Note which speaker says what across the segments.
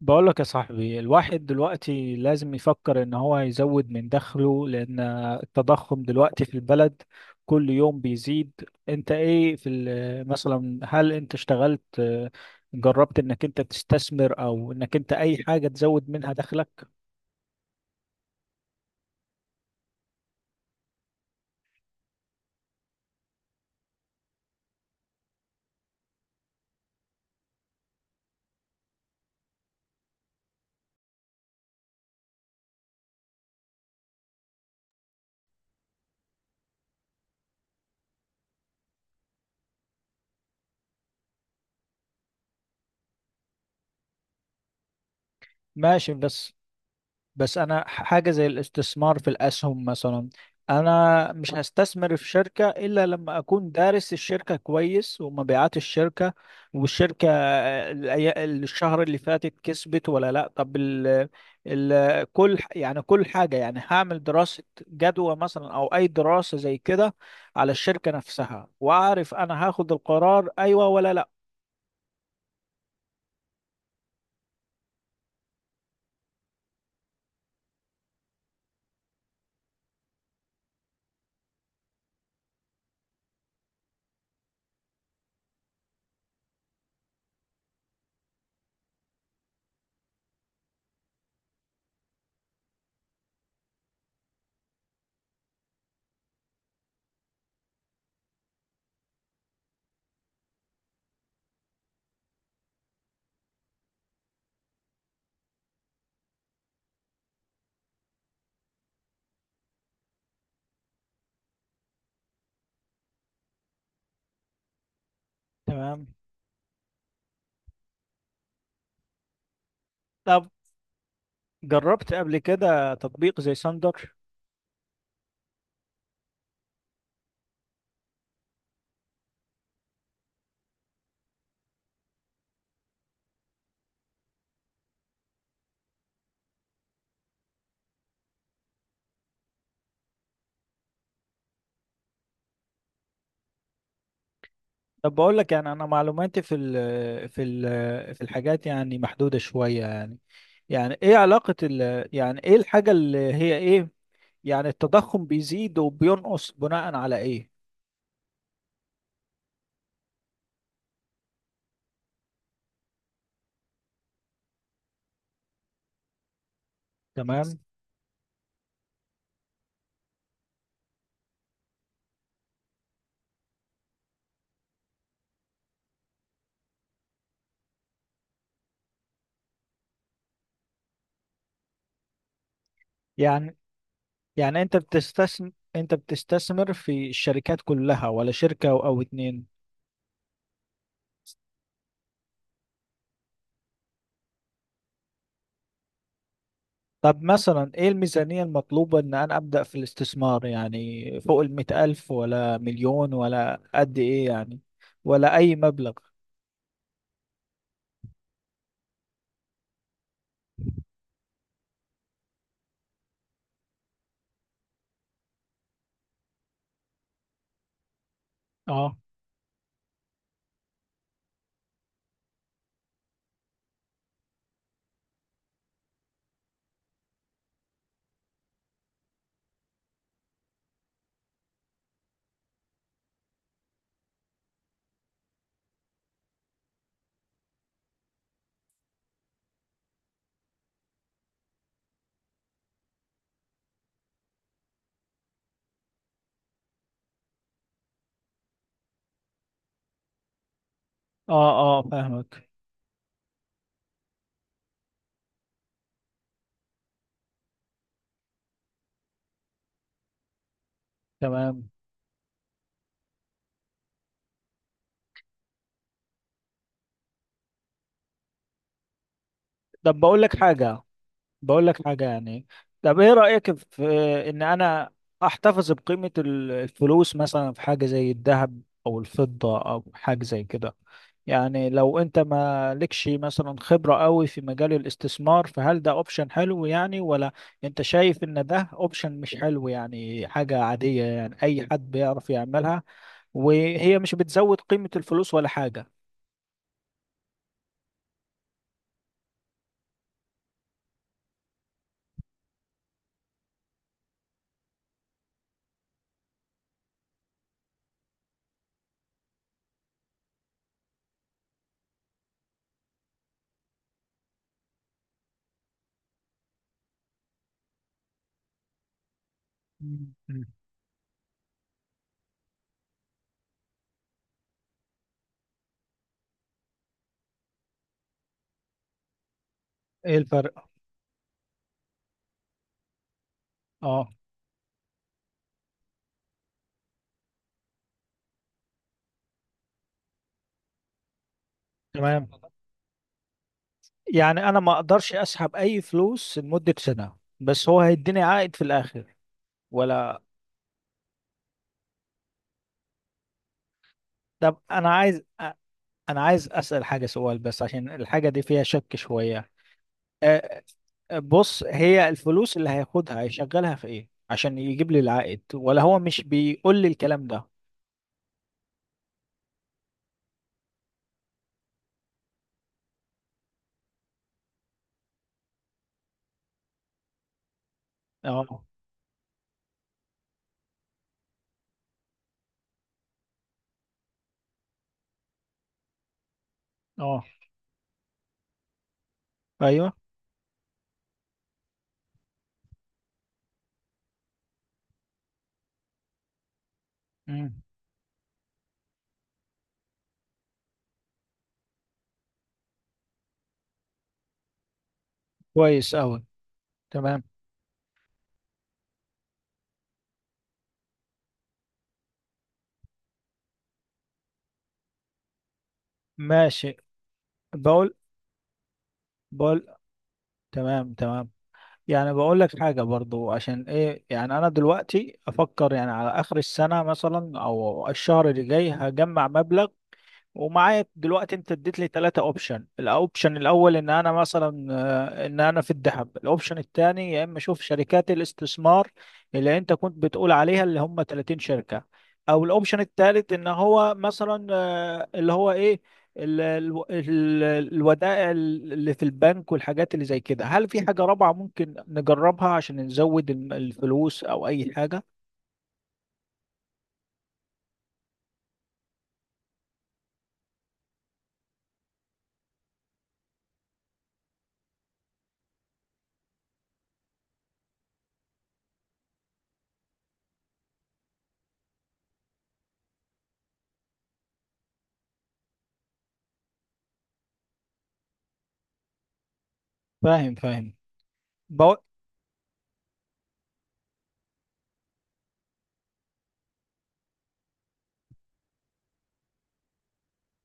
Speaker 1: بقول لك يا صاحبي، الواحد دلوقتي لازم يفكر ان هو يزود من دخله، لان التضخم دلوقتي في البلد كل يوم بيزيد. انت ايه مثلا، هل انت اشتغلت، جربت انك انت تستثمر او انك انت اي حاجة تزود منها دخلك؟ ماشي، بس. بس انا حاجه زي الاستثمار في الاسهم مثلا. انا مش هستثمر في شركه الا لما اكون دارس الشركه كويس ومبيعات الشركه والشركه، الشهر اللي فاتت كسبت ولا لا. طب ال ال كل يعني كل حاجه يعني هعمل دراسه جدوى مثلا او اي دراسه زي كده على الشركه نفسها، واعرف انا هاخد القرار ايوه ولا لا. تمام. طب جربت قبل كده تطبيق زي ساندر؟ طب بقول لك يعني، انا معلوماتي في الحاجات يعني محدوده شويه يعني ايه علاقه ال، يعني ايه الحاجه اللي هي ايه، يعني التضخم بيزيد وبينقص بناء على ايه؟ تمام. يعني يعني انت بتستثمر، انت بتستثمر في الشركات كلها ولا شركه او اتنين؟ طب مثلا ايه الميزانيه المطلوبه ان انا ابدا في الاستثمار، يعني فوق المئة الف ولا مليون ولا قد ايه يعني، ولا اي مبلغ؟ اه. اه اه فاهمك. تمام. طب بقول لك حاجة. بقول لك حاجة يعني طب ايه رأيك في ان انا احتفظ بقيمة الفلوس مثلا في حاجة زي الذهب او الفضة او حاجة زي كده؟ يعني لو انت ما لكش مثلا خبرة قوي في مجال الاستثمار، فهل ده اوبشن حلو يعني، ولا انت شايف ان ده اوبشن مش حلو، يعني حاجة عادية يعني اي حد بيعرف يعملها وهي مش بتزود قيمة الفلوس ولا حاجة؟ مم. ايه الفرق؟ اه. تمام. يعني انا ما اقدرش اسحب اي فلوس لمدة سنة، بس هو هيديني عائد في الاخر ولا؟ طب انا عايز، انا عايز اسأل حاجة، سؤال بس عشان الحاجة دي فيها شك شوية. آه، بص، هي الفلوس اللي هياخدها هيشغلها في ايه عشان يجيب لي العائد، ولا هو مش بيقول لي الكلام ده؟ اه اه. ايوه. مم. كويس اوي. تمام. ماشي. بقول. بقول تمام تمام. يعني بقول لك حاجة برضو، عشان ايه يعني انا دلوقتي افكر يعني على اخر السنة مثلا او الشهر اللي جاي هجمع مبلغ. ومعايا دلوقتي، انت اديت لي ثلاثة اوبشن: الاوبشن الاول ان انا مثلا، ان انا في الذهب، الاوبشن الثاني يا اما اشوف شركات الاستثمار اللي انت كنت بتقول عليها اللي هم 30 شركة، او الاوبشن الثالث ان هو مثلا، اللي هو ايه، ال- ال- ال- الودائع اللي في البنك والحاجات اللي زي كده. هل في حاجة رابعة ممكن نجربها عشان نزود الفلوس او اي حاجة؟ فاهم فاهم.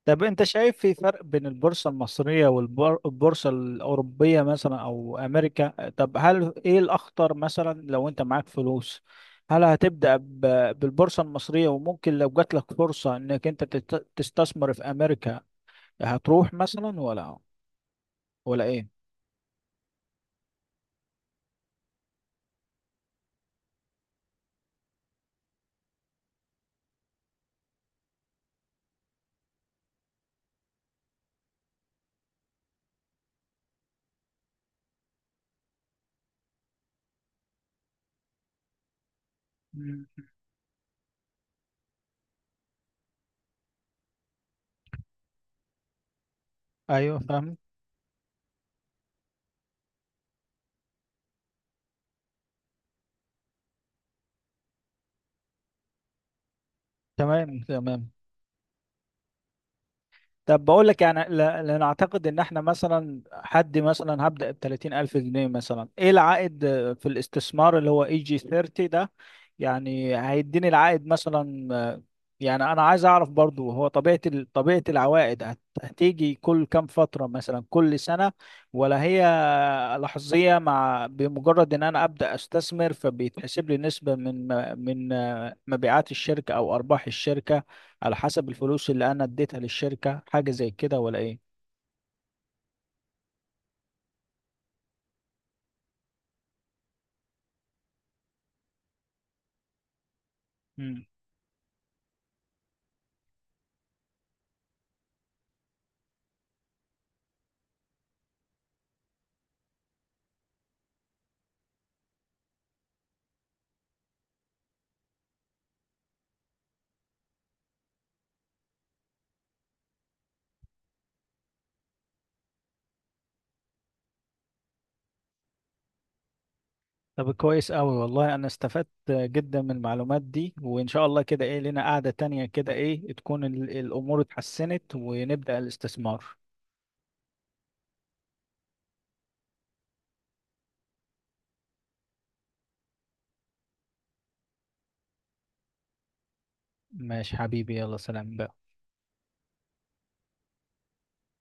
Speaker 1: طب انت شايف في فرق بين البورصة المصرية والبورصة الأوروبية مثلا، أو أمريكا؟ طب هل ايه الأخطر مثلا؟ لو انت معاك فلوس، هل هتبدأ بالبورصة المصرية، وممكن لو جات لك فرصة انك انت تستثمر في أمريكا هتروح مثلا، ولا ايه؟ مم. ايوه فاهم. تمام تمام. طب بقول لك يعني، لان اعتقد ان احنا مثلا، حد مثلا هبدأ ب 30,000 جنيه مثلا، ايه العائد في الاستثمار اللي هو اي جي 30 ده؟ يعني هيديني العائد مثلا، يعني انا عايز اعرف برضو، هو طبيعة طبيعة العوائد هتيجي كل كام فترة، مثلا كل سنة، ولا هي لحظية، مع بمجرد ان انا ابدأ استثمر فبيتحسب لي نسبة من مبيعات الشركة او ارباح الشركة، على حسب الفلوس اللي انا اديتها للشركة، حاجة زي كده ولا ايه؟ طب كويس أوي والله، أنا استفدت جدا من المعلومات دي، وإن شاء الله كده إيه لنا قعدة تانية كده، إيه تكون الأمور اتحسنت ونبدأ الاستثمار. ماشي حبيبي، يلا سلام.